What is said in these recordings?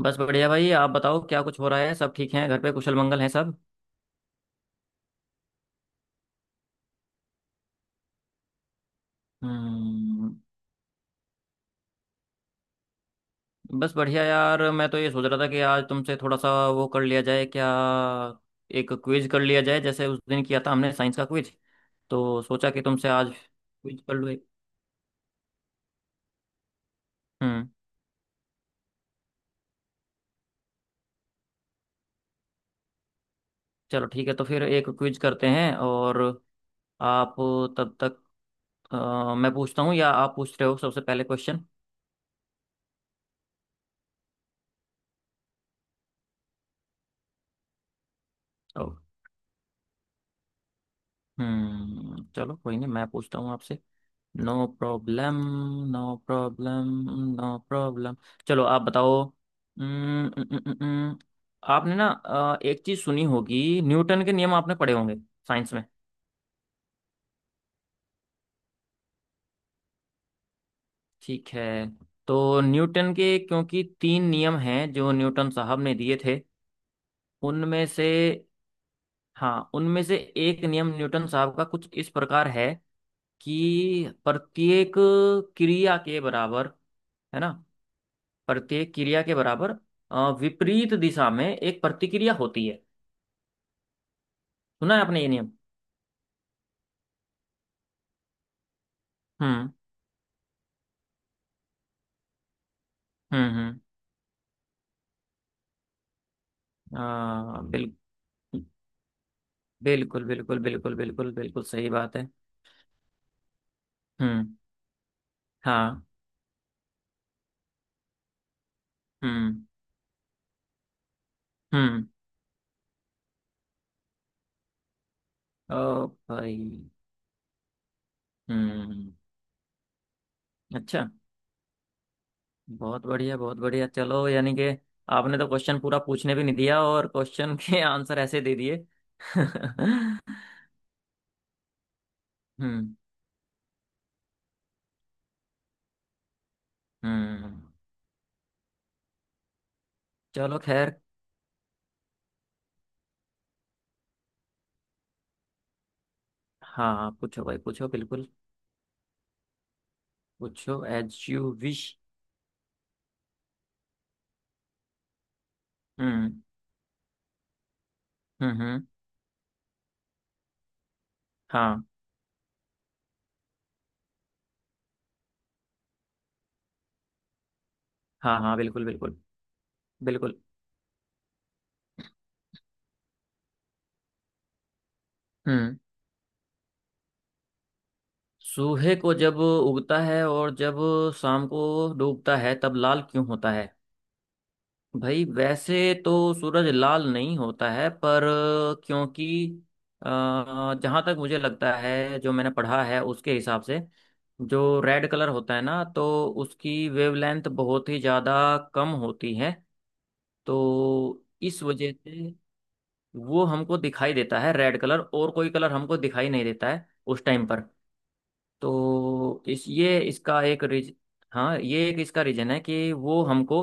बस बढ़िया भाई, आप बताओ क्या कुछ हो रहा है। सब ठीक हैं? घर पे कुशल मंगल हैं सब? हम्म। बस बढ़िया यार, मैं तो ये सोच रहा था कि आज तुमसे थोड़ा सा वो कर लिया जाए क्या, एक क्विज कर लिया जाए, जैसे उस दिन किया था हमने साइंस का क्विज। तो सोचा कि तुमसे आज क्विज कर लूँ एक। हम्म। चलो ठीक है, तो फिर एक क्विज करते हैं। और आप तब तक मैं पूछता हूँ या आप पूछ रहे हो सबसे पहले क्वेश्चन? ओ। हम्म, चलो कोई नहीं, मैं पूछता हूँ आपसे। No problem. No problem. No problem. चलो आप बताओ। उम्म, उम्म, उम्म, उम्म, आपने ना एक चीज सुनी होगी, न्यूटन के नियम आपने पढ़े होंगे साइंस में। ठीक है। तो न्यूटन के क्योंकि तीन नियम हैं जो न्यूटन साहब ने दिए थे। उनमें से, हाँ उनमें से एक नियम न्यूटन साहब का कुछ इस प्रकार है कि प्रत्येक क्रिया के बराबर, है ना, प्रत्येक क्रिया के बराबर विपरीत दिशा में एक प्रतिक्रिया होती है। सुना है आपने ये नियम? हम्म। हम्म। हम्म। आ, बिल, बिल्कुल बिल्कुल बिल्कुल बिल्कुल बिल्कुल सही बात है। हम्म। हाँ। हम्म। हम्म। ओ भाई। हम्म। अच्छा। बहुत बढ़िया बहुत बढ़िया, चलो यानी कि आपने तो क्वेश्चन पूरा पूछने भी नहीं दिया और क्वेश्चन के आंसर ऐसे दे दिए। हम्म। हम्म। चलो खैर। हाँ पूछो भाई, पूछो बिल्कुल। पूछो, as you wish. Hmm. Hmm hmm, हाँ। हाँ हाँ बिल्कुल बिल्कुल। बिल्कुल। हम्म। सूहे को जब उगता है और जब शाम को डूबता है तब लाल क्यों होता है? भाई वैसे तो सूरज लाल नहीं होता है पर क्योंकि जहां तक मुझे लगता है जो मैंने पढ़ा है उसके हिसाब से, जो रेड कलर होता है ना तो उसकी वेवलेंथ बहुत ही ज्यादा कम होती है। तो इस वजह से वो हमको दिखाई देता है रेड कलर, और कोई कलर हमको दिखाई नहीं देता है उस टाइम पर। तो इस ये इसका एक रीज हाँ ये एक इसका रीजन है कि वो हमको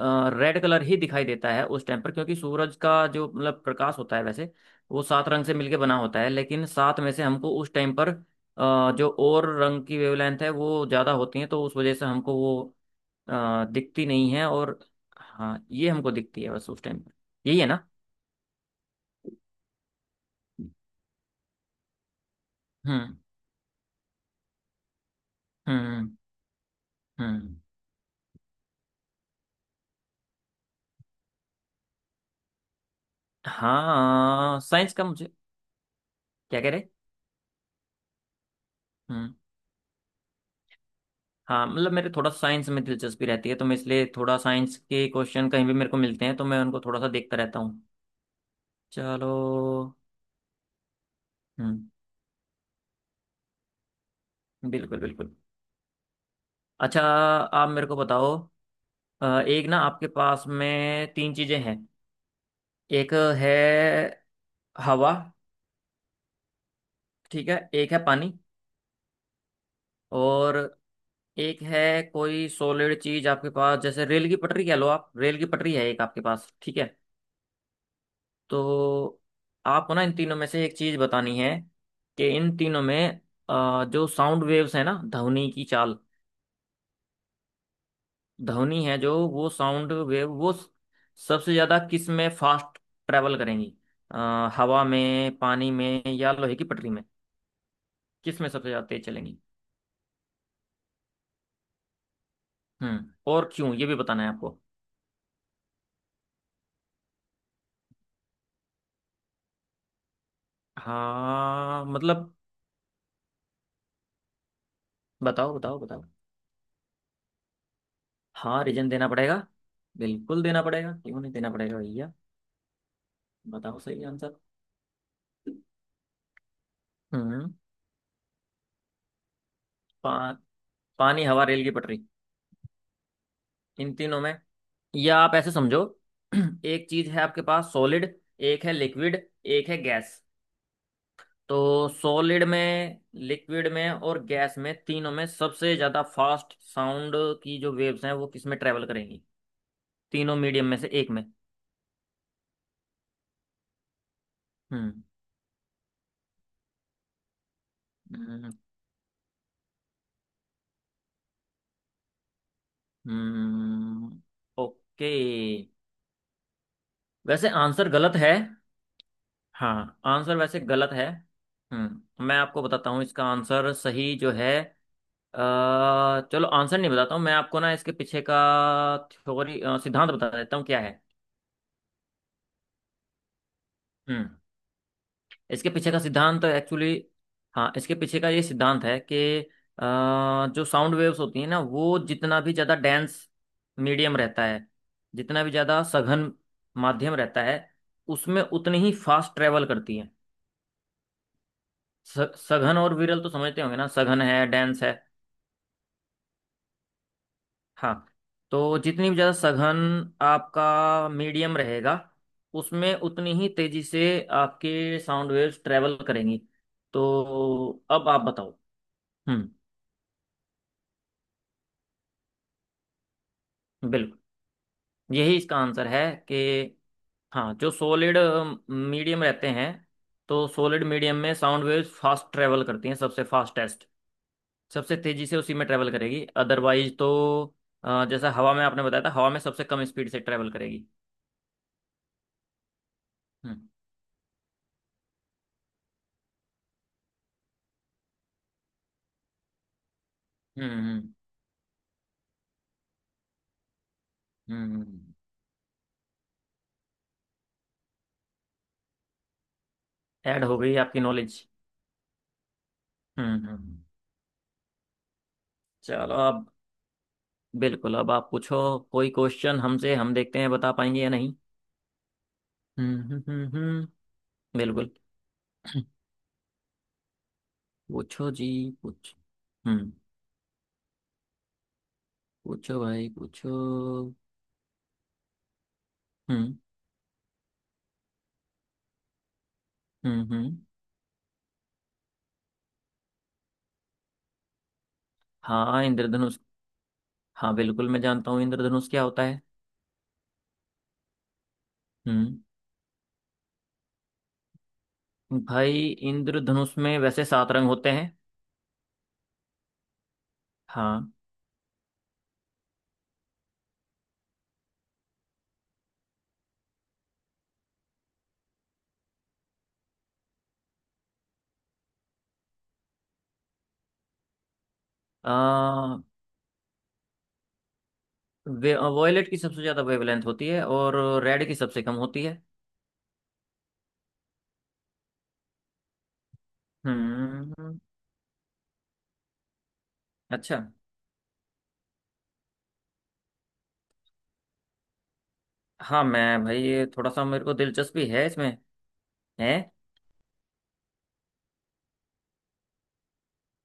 रेड कलर ही दिखाई देता है उस टाइम पर, क्योंकि सूरज का जो मतलब प्रकाश होता है वैसे वो सात रंग से मिलके बना होता है, लेकिन सात में से हमको उस टाइम पर जो और रंग की वेवलेंथ है वो ज़्यादा होती है तो उस वजह से हमको वो दिखती नहीं है। और हाँ ये हमको दिखती है बस उस टाइम पर, यही है ना। हम्म। हम्म। हम्म। हम्म। हाँ साइंस का मुझे, क्या कह रहे। हम्म। हाँ मतलब मेरे थोड़ा साइंस में दिलचस्पी रहती है तो मैं इसलिए थोड़ा साइंस के क्वेश्चन कहीं भी मेरे को मिलते हैं तो मैं उनको थोड़ा सा देखता रहता हूँ। चलो। हम्म। बिल्कुल बिल्कुल। अच्छा आप मेरे को बताओ, एक ना आपके पास में तीन चीजें हैं। एक है हवा, ठीक है, एक है पानी, और एक है कोई सॉलिड चीज आपके पास, जैसे रेल की पटरी कह लो आप, रेल की पटरी है एक आपके पास, ठीक है। तो आपको ना इन तीनों में से एक चीज बतानी है कि इन तीनों में जो साउंड वेव्स है ना, ध्वनि की चाल, ध्वनि है जो, वो साउंड वेव वो सबसे ज्यादा किस में फास्ट ट्रेवल करेंगी, हवा में, पानी में, या लोहे की पटरी में? किस में सबसे ज्यादा तेज चलेंगी? हम्म, और क्यों ये भी बताना है आपको। हाँ मतलब बताओ बताओ बताओ, हाँ रीजन देना पड़ेगा, बिल्कुल देना पड़ेगा, क्यों नहीं देना पड़ेगा भैया। बताओ सही आंसर। हम्म। पानी, हवा, रेल की पटरी, इन तीनों में। या आप ऐसे समझो, एक चीज है आपके पास सॉलिड, एक है लिक्विड, एक है गैस। तो सॉलिड में, लिक्विड में और गैस में, तीनों में सबसे ज्यादा फास्ट साउंड की जो वेव्स हैं वो किस में ट्रेवल करेंगी, तीनों मीडियम में से एक में। हम्म। Hmm hmm, okay. वैसे आंसर गलत है। हाँ आंसर वैसे गलत है। हम्म, मैं आपको बताता हूँ इसका आंसर सही जो है। अ, चलो आंसर नहीं बताता हूँ, मैं आपको ना इसके पीछे का थ्योरी सिद्धांत बता देता हूँ क्या है। हम्म। इसके पीछे का सिद्धांत एक्चुअली, हाँ इसके पीछे का ये सिद्धांत है कि अ, जो साउंड वेव्स होती हैं ना वो जितना भी ज़्यादा डेंस मीडियम रहता है, जितना भी ज़्यादा सघन माध्यम रहता है, उसमें उतनी ही फास्ट ट्रेवल करती है। स- सघन और विरल तो समझते होंगे ना, सघन है डेंस है। हाँ तो जितनी भी ज़्यादा सघन आपका मीडियम रहेगा, उसमें उतनी ही तेज़ी से आपके साउंड वेव्स ट्रेवल करेंगी। तो अब आप बताओ। हम्म। बिल्कुल, यही इसका आंसर है कि हाँ जो सॉलिड मीडियम रहते हैं, तो सॉलिड मीडियम में साउंड वेव्स फास्ट ट्रेवल करती हैं, सबसे फास्टेस्ट, सबसे तेज़ी से उसी में ट्रेवल करेगी। अदरवाइज तो जैसा हवा में आपने बताया था, हवा में सबसे कम स्पीड से ट्रेवल करेगी। हम्म। हम्म हम्म हम्म, हम्म। ऐड हो गई आपकी नॉलेज। हम्म हम्म हम्म। चलो अब, बिल्कुल अब आप पूछो कोई क्वेश्चन हमसे, हम देखते हैं बता पाएंगे या नहीं। हम्म हम्म हम्म हम्म, बिल्कुल। पूछो जी, पूछ हम्म, पूछो भाई पूछो। हम्म। हम्म। हम्म। हाँ इंद्रधनुष, हाँ बिल्कुल मैं जानता हूँ इंद्रधनुष क्या होता है। हम्म। भाई इंद्रधनुष में वैसे सात रंग होते हैं। हाँ। आ, वॉयलेट की सबसे ज्यादा वेवलेंथ होती है और रेड की सबसे कम होती है। हम्म। अच्छा। हाँ मैं भाई ये थोड़ा सा मेरे को दिलचस्पी है इसमें, है।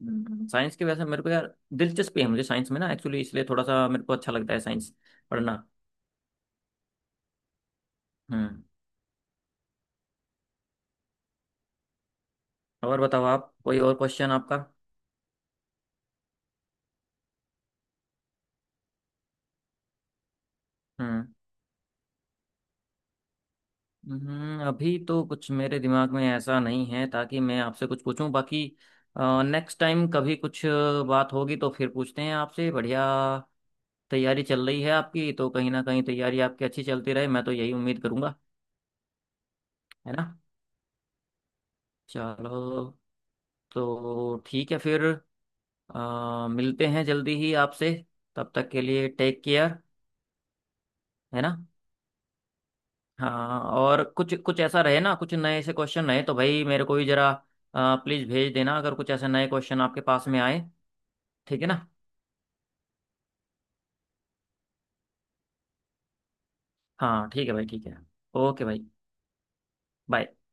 हम्म। साइंस की वजह से मेरे को यार दिलचस्पी है, मुझे साइंस में ना एक्चुअली इसलिए थोड़ा सा मेरे को अच्छा लगता है साइंस पढ़ना। हम्म। और बताओ आप, कोई और क्वेश्चन आपका। हम्म। अभी तो कुछ मेरे दिमाग में ऐसा नहीं है ताकि मैं आपसे कुछ पूछूं, बाकी नेक्स्ट टाइम कभी कुछ बात होगी तो फिर पूछते हैं आपसे। बढ़िया, तैयारी चल रही है आपकी तो कहीं ना कहीं तैयारी आपकी अच्छी चलती रहे, मैं तो यही उम्मीद करूंगा, है ना। चलो तो ठीक है फिर, मिलते हैं जल्दी ही आपसे, तब तक के लिए टेक केयर। है ना। हाँ और कुछ, कुछ ऐसा रहे ना, कुछ नए से क्वेश्चन रहे तो भाई मेरे को भी जरा प्लीज़ भेज देना, अगर कुछ ऐसे नए क्वेश्चन आपके पास में आए। ठीक है ना। हाँ ठीक है भाई, ठीक है। ओके भाई। बाय।